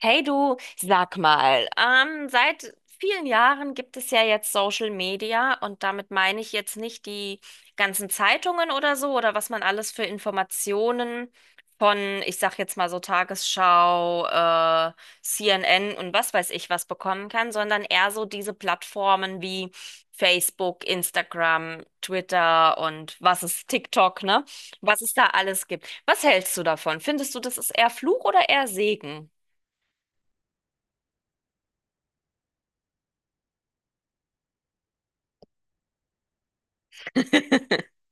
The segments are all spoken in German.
Hey du, sag mal, seit vielen Jahren gibt es ja jetzt Social Media, und damit meine ich jetzt nicht die ganzen Zeitungen oder so oder was man alles für Informationen von, ich sag jetzt mal, so Tagesschau, CNN und was weiß ich was bekommen kann, sondern eher so diese Plattformen wie Facebook, Instagram, Twitter und was ist TikTok, ne? Was es da alles gibt. Was hältst du davon? Findest du, das ist eher Fluch oder eher Segen?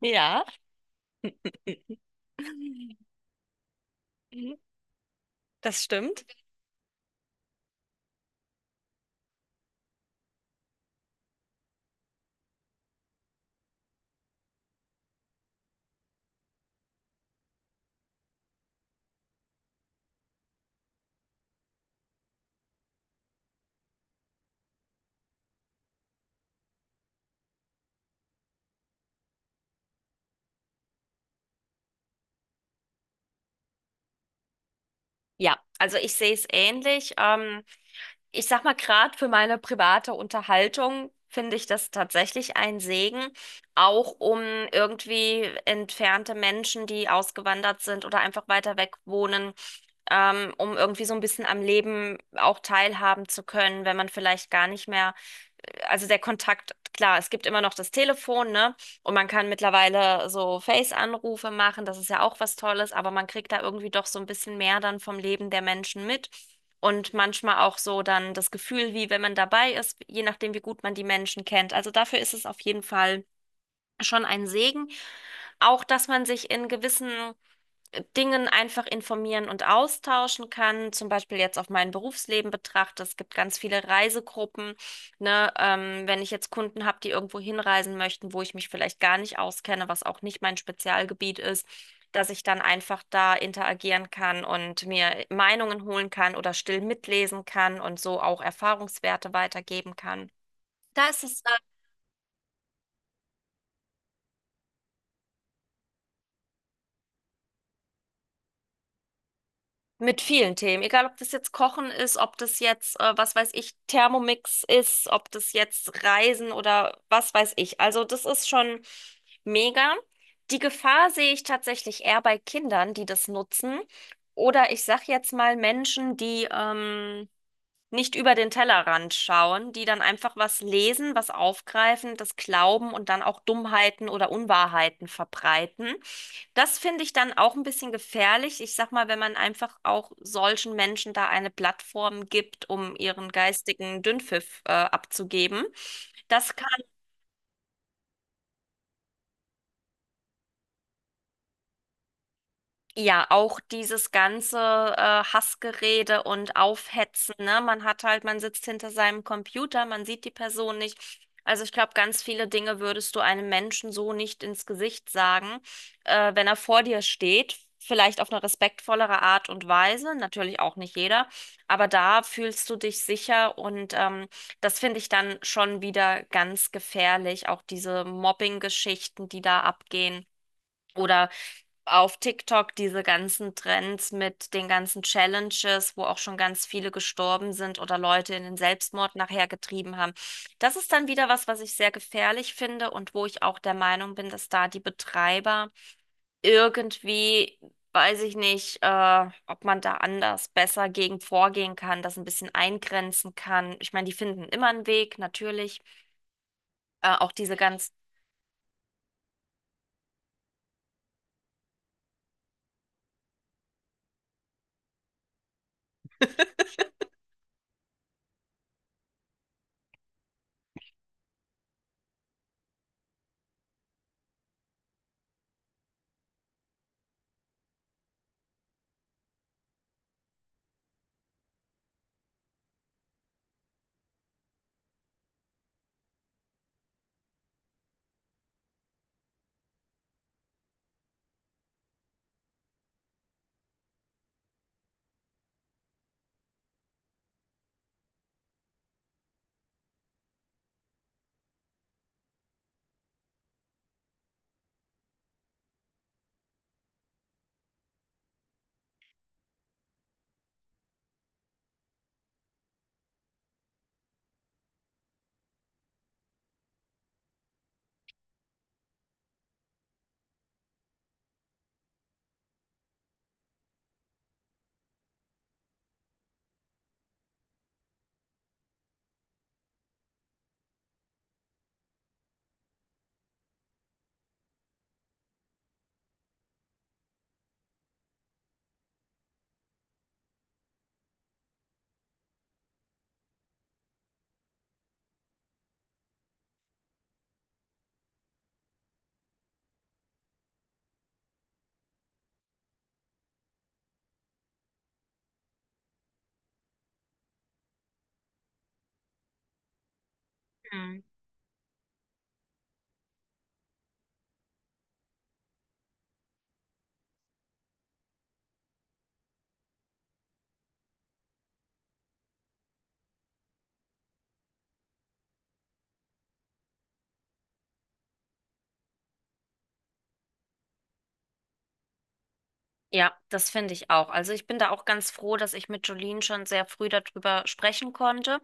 Ja. Das stimmt. Ja, also ich sehe es ähnlich. Ich sag mal, gerade für meine private Unterhaltung finde ich das tatsächlich ein Segen, auch um irgendwie entfernte Menschen, die ausgewandert sind oder einfach weiter weg wohnen, um irgendwie so ein bisschen am Leben auch teilhaben zu können, wenn man vielleicht gar nicht mehr, also der Kontakt, klar, es gibt immer noch das Telefon, ne? Und man kann mittlerweile so Face-Anrufe machen, das ist ja auch was Tolles, aber man kriegt da irgendwie doch so ein bisschen mehr dann vom Leben der Menschen mit. Und manchmal auch so dann das Gefühl, wie wenn man dabei ist, je nachdem, wie gut man die Menschen kennt. Also dafür ist es auf jeden Fall schon ein Segen. Auch, dass man sich in gewissen Dingen einfach informieren und austauschen kann. Zum Beispiel jetzt auf mein Berufsleben betrachte. Es gibt ganz viele Reisegruppen, ne? Wenn ich jetzt Kunden habe, die irgendwo hinreisen möchten, wo ich mich vielleicht gar nicht auskenne, was auch nicht mein Spezialgebiet ist, dass ich dann einfach da interagieren kann und mir Meinungen holen kann oder still mitlesen kann und so auch Erfahrungswerte weitergeben kann. Da ist es mit vielen Themen, egal ob das jetzt Kochen ist, ob das jetzt, was weiß ich, Thermomix ist, ob das jetzt Reisen oder was weiß ich. Also das ist schon mega. Die Gefahr sehe ich tatsächlich eher bei Kindern, die das nutzen. Oder ich sag jetzt mal Menschen, die, nicht über den Tellerrand schauen, die dann einfach was lesen, was aufgreifen, das glauben und dann auch Dummheiten oder Unwahrheiten verbreiten. Das finde ich dann auch ein bisschen gefährlich. Ich sag mal, wenn man einfach auch solchen Menschen da eine Plattform gibt, um ihren geistigen Dünnpfiff, abzugeben. Das kann ja, auch dieses ganze, Hassgerede und Aufhetzen, ne? Man hat halt, man sitzt hinter seinem Computer, man sieht die Person nicht. Also ich glaube, ganz viele Dinge würdest du einem Menschen so nicht ins Gesicht sagen, wenn er vor dir steht. Vielleicht auf eine respektvollere Art und Weise, natürlich auch nicht jeder, aber da fühlst du dich sicher, und das finde ich dann schon wieder ganz gefährlich, auch diese Mobbing-Geschichten, die da abgehen. Oder auf TikTok diese ganzen Trends mit den ganzen Challenges, wo auch schon ganz viele gestorben sind oder Leute in den Selbstmord nachher getrieben haben. Das ist dann wieder was, was ich sehr gefährlich finde und wo ich auch der Meinung bin, dass da die Betreiber irgendwie, weiß ich nicht, ob man da anders besser gegen vorgehen kann, das ein bisschen eingrenzen kann. Ich meine, die finden immer einen Weg, natürlich. Auch diese ganz, ja, das finde ich auch. Also ich bin da auch ganz froh, dass ich mit Jolene schon sehr früh darüber sprechen konnte.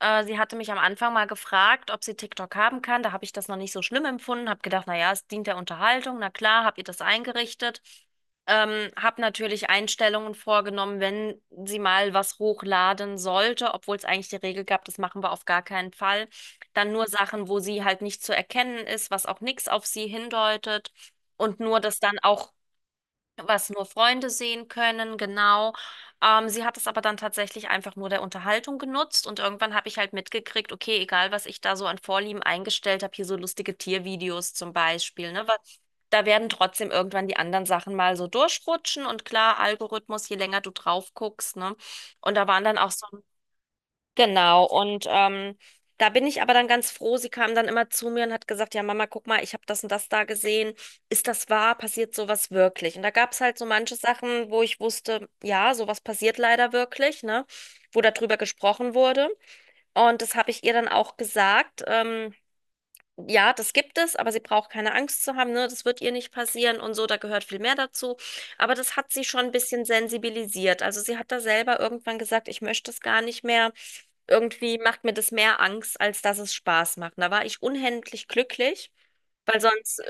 Sie hatte mich am Anfang mal gefragt, ob sie TikTok haben kann. Da habe ich das noch nicht so schlimm empfunden, habe gedacht, na ja, es dient der Unterhaltung. Na klar, habe ihr das eingerichtet. Habe natürlich Einstellungen vorgenommen, wenn sie mal was hochladen sollte, obwohl es eigentlich die Regel gab, das machen wir auf gar keinen Fall. Dann nur Sachen, wo sie halt nicht zu erkennen ist, was auch nichts auf sie hindeutet. Und nur das dann auch, was nur Freunde sehen können, genau. Sie hat es aber dann tatsächlich einfach nur der Unterhaltung genutzt, und irgendwann habe ich halt mitgekriegt, okay, egal was ich da so an Vorlieben eingestellt habe, hier so lustige Tiervideos zum Beispiel, ne? Weil da werden trotzdem irgendwann die anderen Sachen mal so durchrutschen, und klar, Algorithmus, je länger du drauf guckst, ne? Und da waren dann auch so, genau, und da bin ich aber dann ganz froh. Sie kam dann immer zu mir und hat gesagt, ja Mama, guck mal, ich habe das und das da gesehen. Ist das wahr? Passiert sowas wirklich? Und da gab es halt so manche Sachen, wo ich wusste, ja, sowas passiert leider wirklich, ne? Wo darüber gesprochen wurde. Und das habe ich ihr dann auch gesagt. Ja, das gibt es, aber sie braucht keine Angst zu haben, ne? Das wird ihr nicht passieren und so, da gehört viel mehr dazu. Aber das hat sie schon ein bisschen sensibilisiert. Also sie hat da selber irgendwann gesagt, ich möchte es gar nicht mehr. Irgendwie macht mir das mehr Angst, als dass es Spaß macht. Da war ich unendlich glücklich, weil sonst.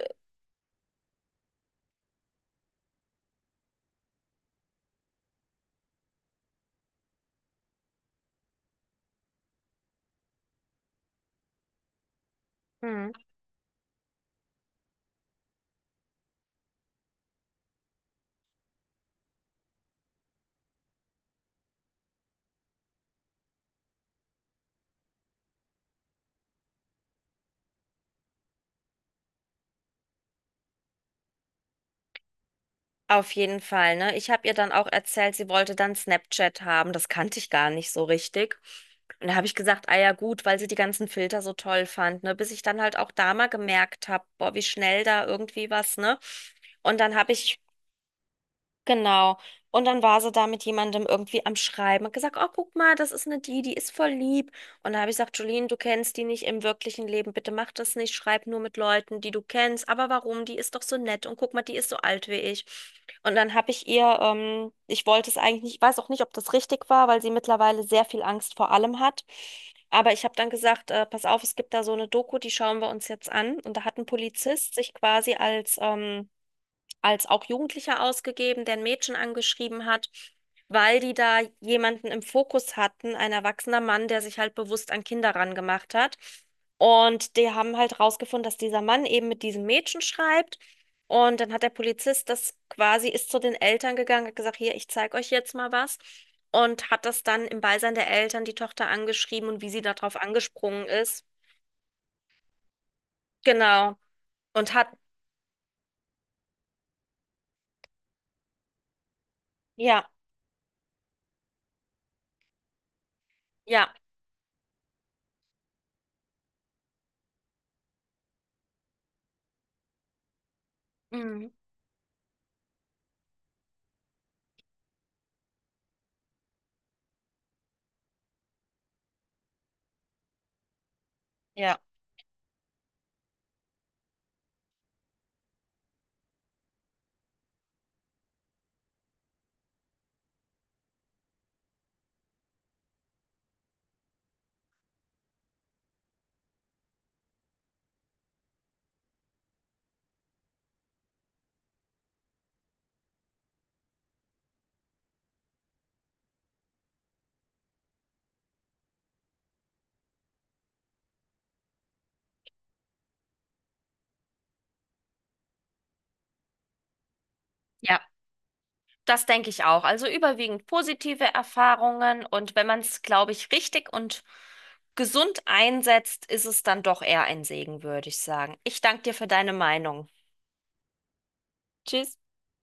Auf jeden Fall, ne? Ich habe ihr dann auch erzählt, sie wollte dann Snapchat haben. Das kannte ich gar nicht so richtig. Und da habe ich gesagt, ah ja gut, weil sie die ganzen Filter so toll fand, ne? Bis ich dann halt auch da mal gemerkt habe, boah, wie schnell da irgendwie was, ne? Und dann habe ich, genau. Und dann war sie da mit jemandem irgendwie am Schreiben und gesagt, oh, guck mal, das ist eine, die, die ist voll lieb. Und da habe ich gesagt, Jolene, du kennst die nicht im wirklichen Leben, bitte mach das nicht, schreib nur mit Leuten, die du kennst. Aber warum? Die ist doch so nett, und guck mal, die ist so alt wie ich. Und dann habe ich ihr, ich wollte es eigentlich nicht, ich weiß auch nicht, ob das richtig war, weil sie mittlerweile sehr viel Angst vor allem hat. Aber ich habe dann gesagt, pass auf, es gibt da so eine Doku, die schauen wir uns jetzt an. Und da hat ein Polizist sich quasi als, als auch Jugendlicher ausgegeben, der ein Mädchen angeschrieben hat, weil die da jemanden im Fokus hatten, ein erwachsener Mann, der sich halt bewusst an Kinder rangemacht hat. Und die haben halt rausgefunden, dass dieser Mann eben mit diesem Mädchen schreibt. Und dann hat der Polizist das quasi, ist zu den Eltern gegangen, hat gesagt, hier, ich zeige euch jetzt mal was. Und hat das dann im Beisein der Eltern die Tochter angeschrieben und wie sie darauf angesprungen ist. Genau. Und hat, ja, ja, mhm. Ja. Ja. Das denke ich auch. Also überwiegend positive Erfahrungen, und wenn man es, glaube ich, richtig und gesund einsetzt, ist es dann doch eher ein Segen, würde ich sagen. Ich danke dir für deine Meinung. Tschüss.